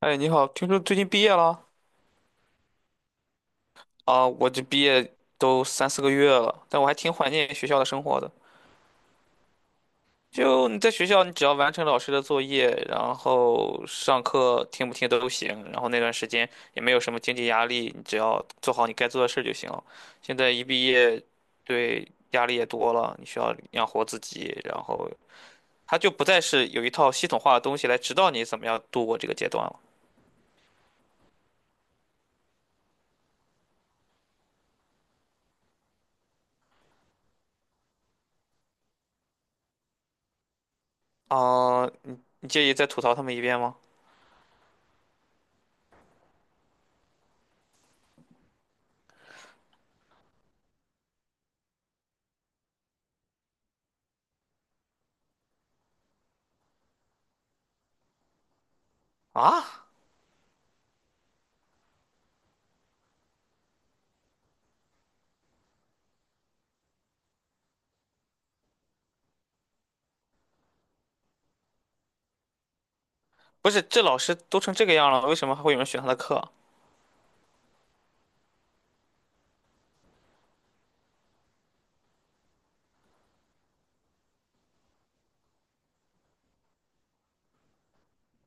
哎，你好，听说最近毕业了。啊？我这毕业都三四个月了，但我还挺怀念学校的生活的。就你在学校，你只要完成老师的作业，然后上课听不听都行，然后那段时间也没有什么经济压力，你只要做好你该做的事儿就行了。现在一毕业，对，压力也多了，你需要养活自己，然后它就不再是有一套系统化的东西来指导你怎么样度过这个阶段了。啊，你介意再吐槽他们一遍吗？啊？不是，这老师都成这个样了，为什么还会有人选他的课？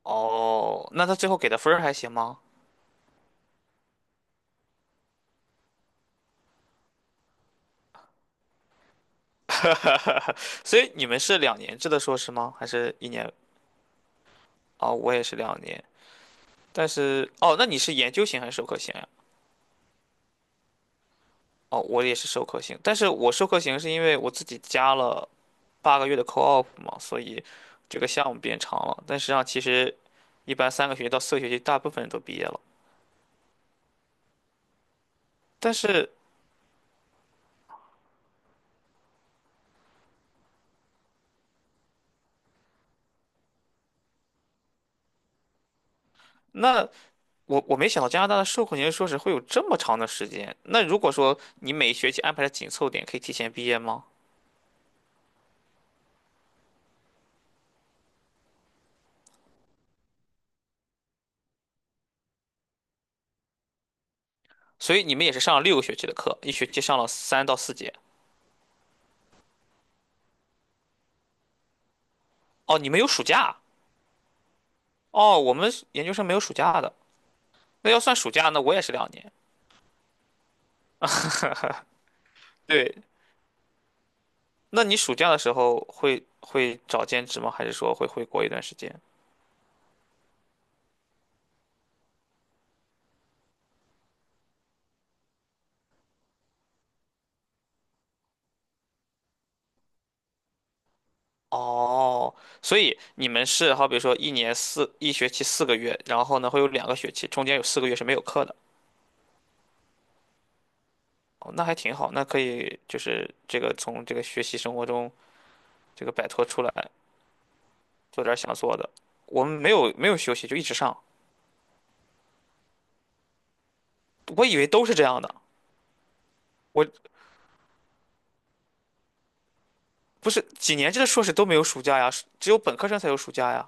哦，那他最后给的分儿还行吗？所以你们是2年制的硕士吗？还是一年？哦，我也是两年，但是哦，那你是研究型还是授课型呀？哦，我也是授课型，但是我授课型是因为我自己加了8个月的 co-op 嘛，所以这个项目变长了。但实际上，其实一般3个学期到4个学期，大部分人都毕业了。但是那我没想到加拿大的授课年度硕士会有这么长的时间。那如果说你每学期安排的紧凑点，可以提前毕业吗？所以你们也是上了6个学期的课，一学期上了3到4节。哦，你们有暑假？哦，我们研究生没有暑假的。那要算暑假，那我也是两年。对，那你暑假的时候会找兼职吗？还是说会回国一段时间？哦，所以你们是好比说1学期4个月，然后呢会有2个学期，中间有四个月是没有课的。哦，那还挺好，那可以就是这个从这个学习生活中这个摆脱出来，做点儿想做的。我们没有休息，就一直上。我以为都是这样的，我不是几年制的硕士都没有暑假呀，只有本科生才有暑假呀。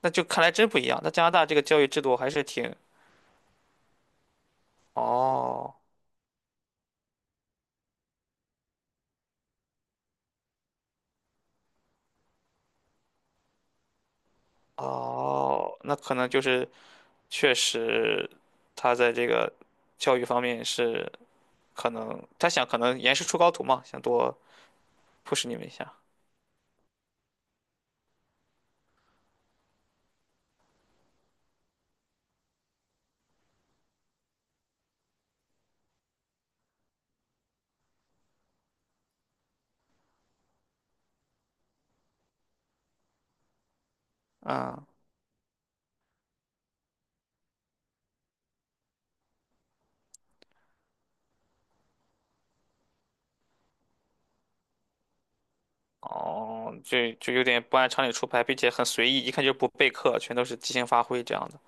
那就看来真不一样。那加拿大这个教育制度还是挺……哦哦，那可能就是确实，他在这个教育方面是可能他想可能严师出高徒嘛，想多 push 你们一下。嗯哦，就有点不按常理出牌，并且很随意，一看就不备课，全都是即兴发挥这样的。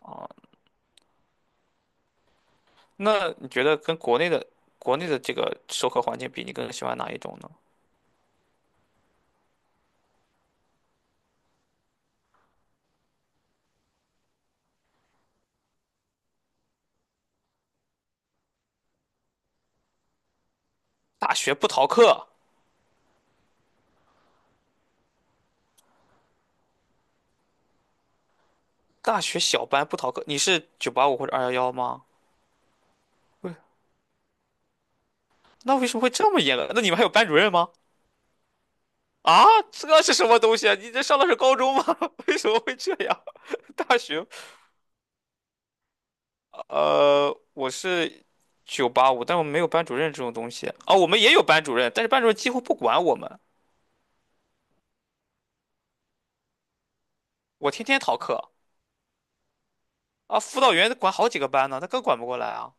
哦，那你觉得跟国内的这个授课环境比，你更喜欢哪一种呢？大学不逃课，大学小班不逃课，你是985或者211吗？不是，那为什么会这么严格？那你们还有班主任吗？啊，这是什么东西啊？你这上的是高中吗？为什么会这样？大学我是九八五，但我们没有班主任这种东西。啊。我们也有班主任，但是班主任几乎不管我们。我天天逃课啊，辅导员管好几个班呢，他更管不过来啊。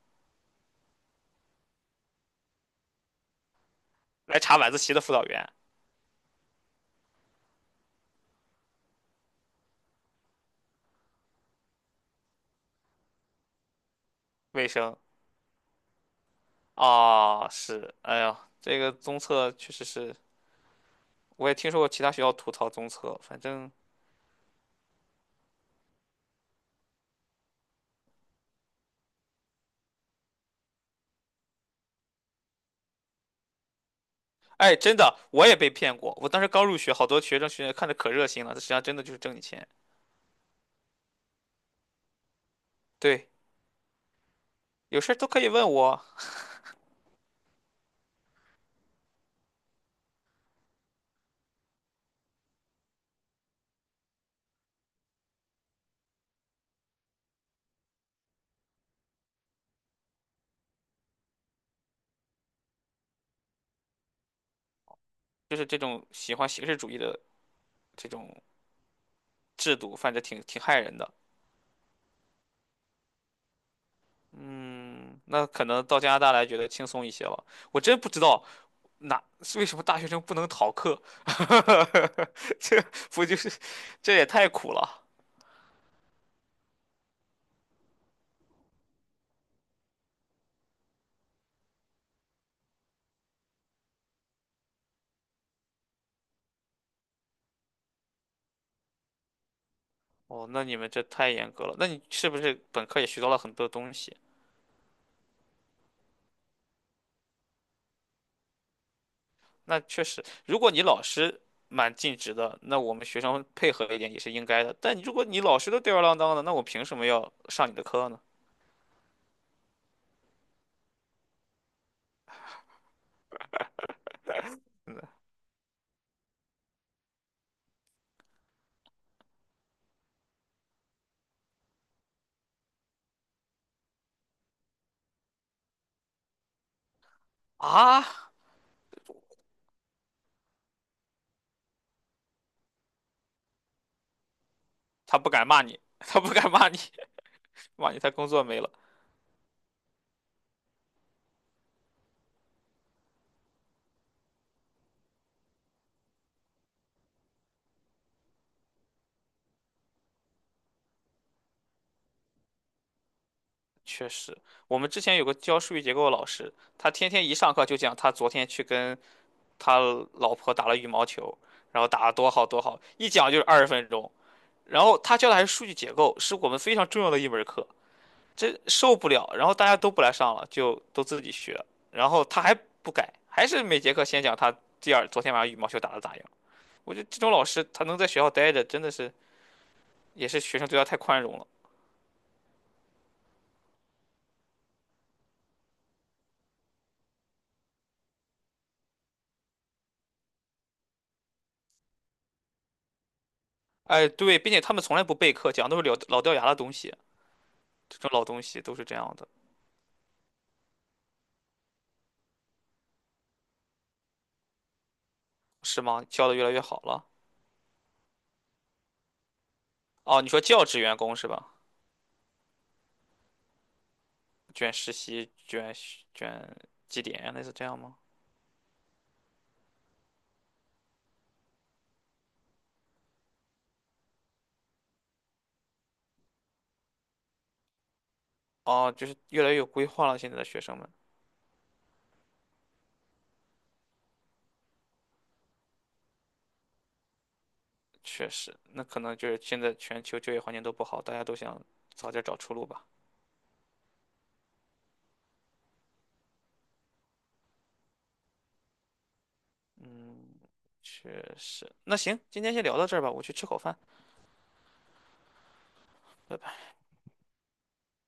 来查晚自习的辅导员，卫生啊，是，哎呀，这个综测确实是，我也听说过其他学校吐槽综测，反正，哎，真的，我也被骗过。我当时刚入学，好多学生学姐看着可热心了，他实际上真的就是挣你钱。对，有事儿都可以问我，就是这种喜欢形式主义的这种。制度，反正挺害人的。嗯，那可能到加拿大来觉得轻松一些了。我真不知道哪为什么大学生不能逃课，这不就是这也太苦了。哦，那你们这太严格了。那你是不是本科也学到了很多东西？那确实，如果你老师蛮尽职的，那我们学生配合一点也是应该的。但你如果你老师都吊儿郎当的，那我凭什么要上你的课呢？啊，他不敢骂你，他不敢骂你，骂你他工作没了。确实，我们之前有个教数据结构的老师，他天天一上课就讲他昨天去跟他老婆打了羽毛球，然后打得多好多好，一讲就是20分钟。然后他教的还是数据结构，是我们非常重要的一门课，这受不了。然后大家都不来上了，就都自己学。然后他还不改，还是每节课先讲他昨天晚上羽毛球打得咋样。我觉得这种老师他能在学校待着，真的是也是学生对他太宽容了。哎，对，并且他们从来不备课，讲都是老老掉牙的东西。这种老东西都是这样的，是吗？教的越来越好了。哦，你说教职员工是吧？卷实习、卷绩点啊，类似这样吗？哦，就是越来越有规划了。现在的学生们确实，那可能就是现在全球就业环境都不好，大家都想早点找出路吧。嗯，确实。那行，今天先聊到这儿吧，我去吃口饭，拜拜。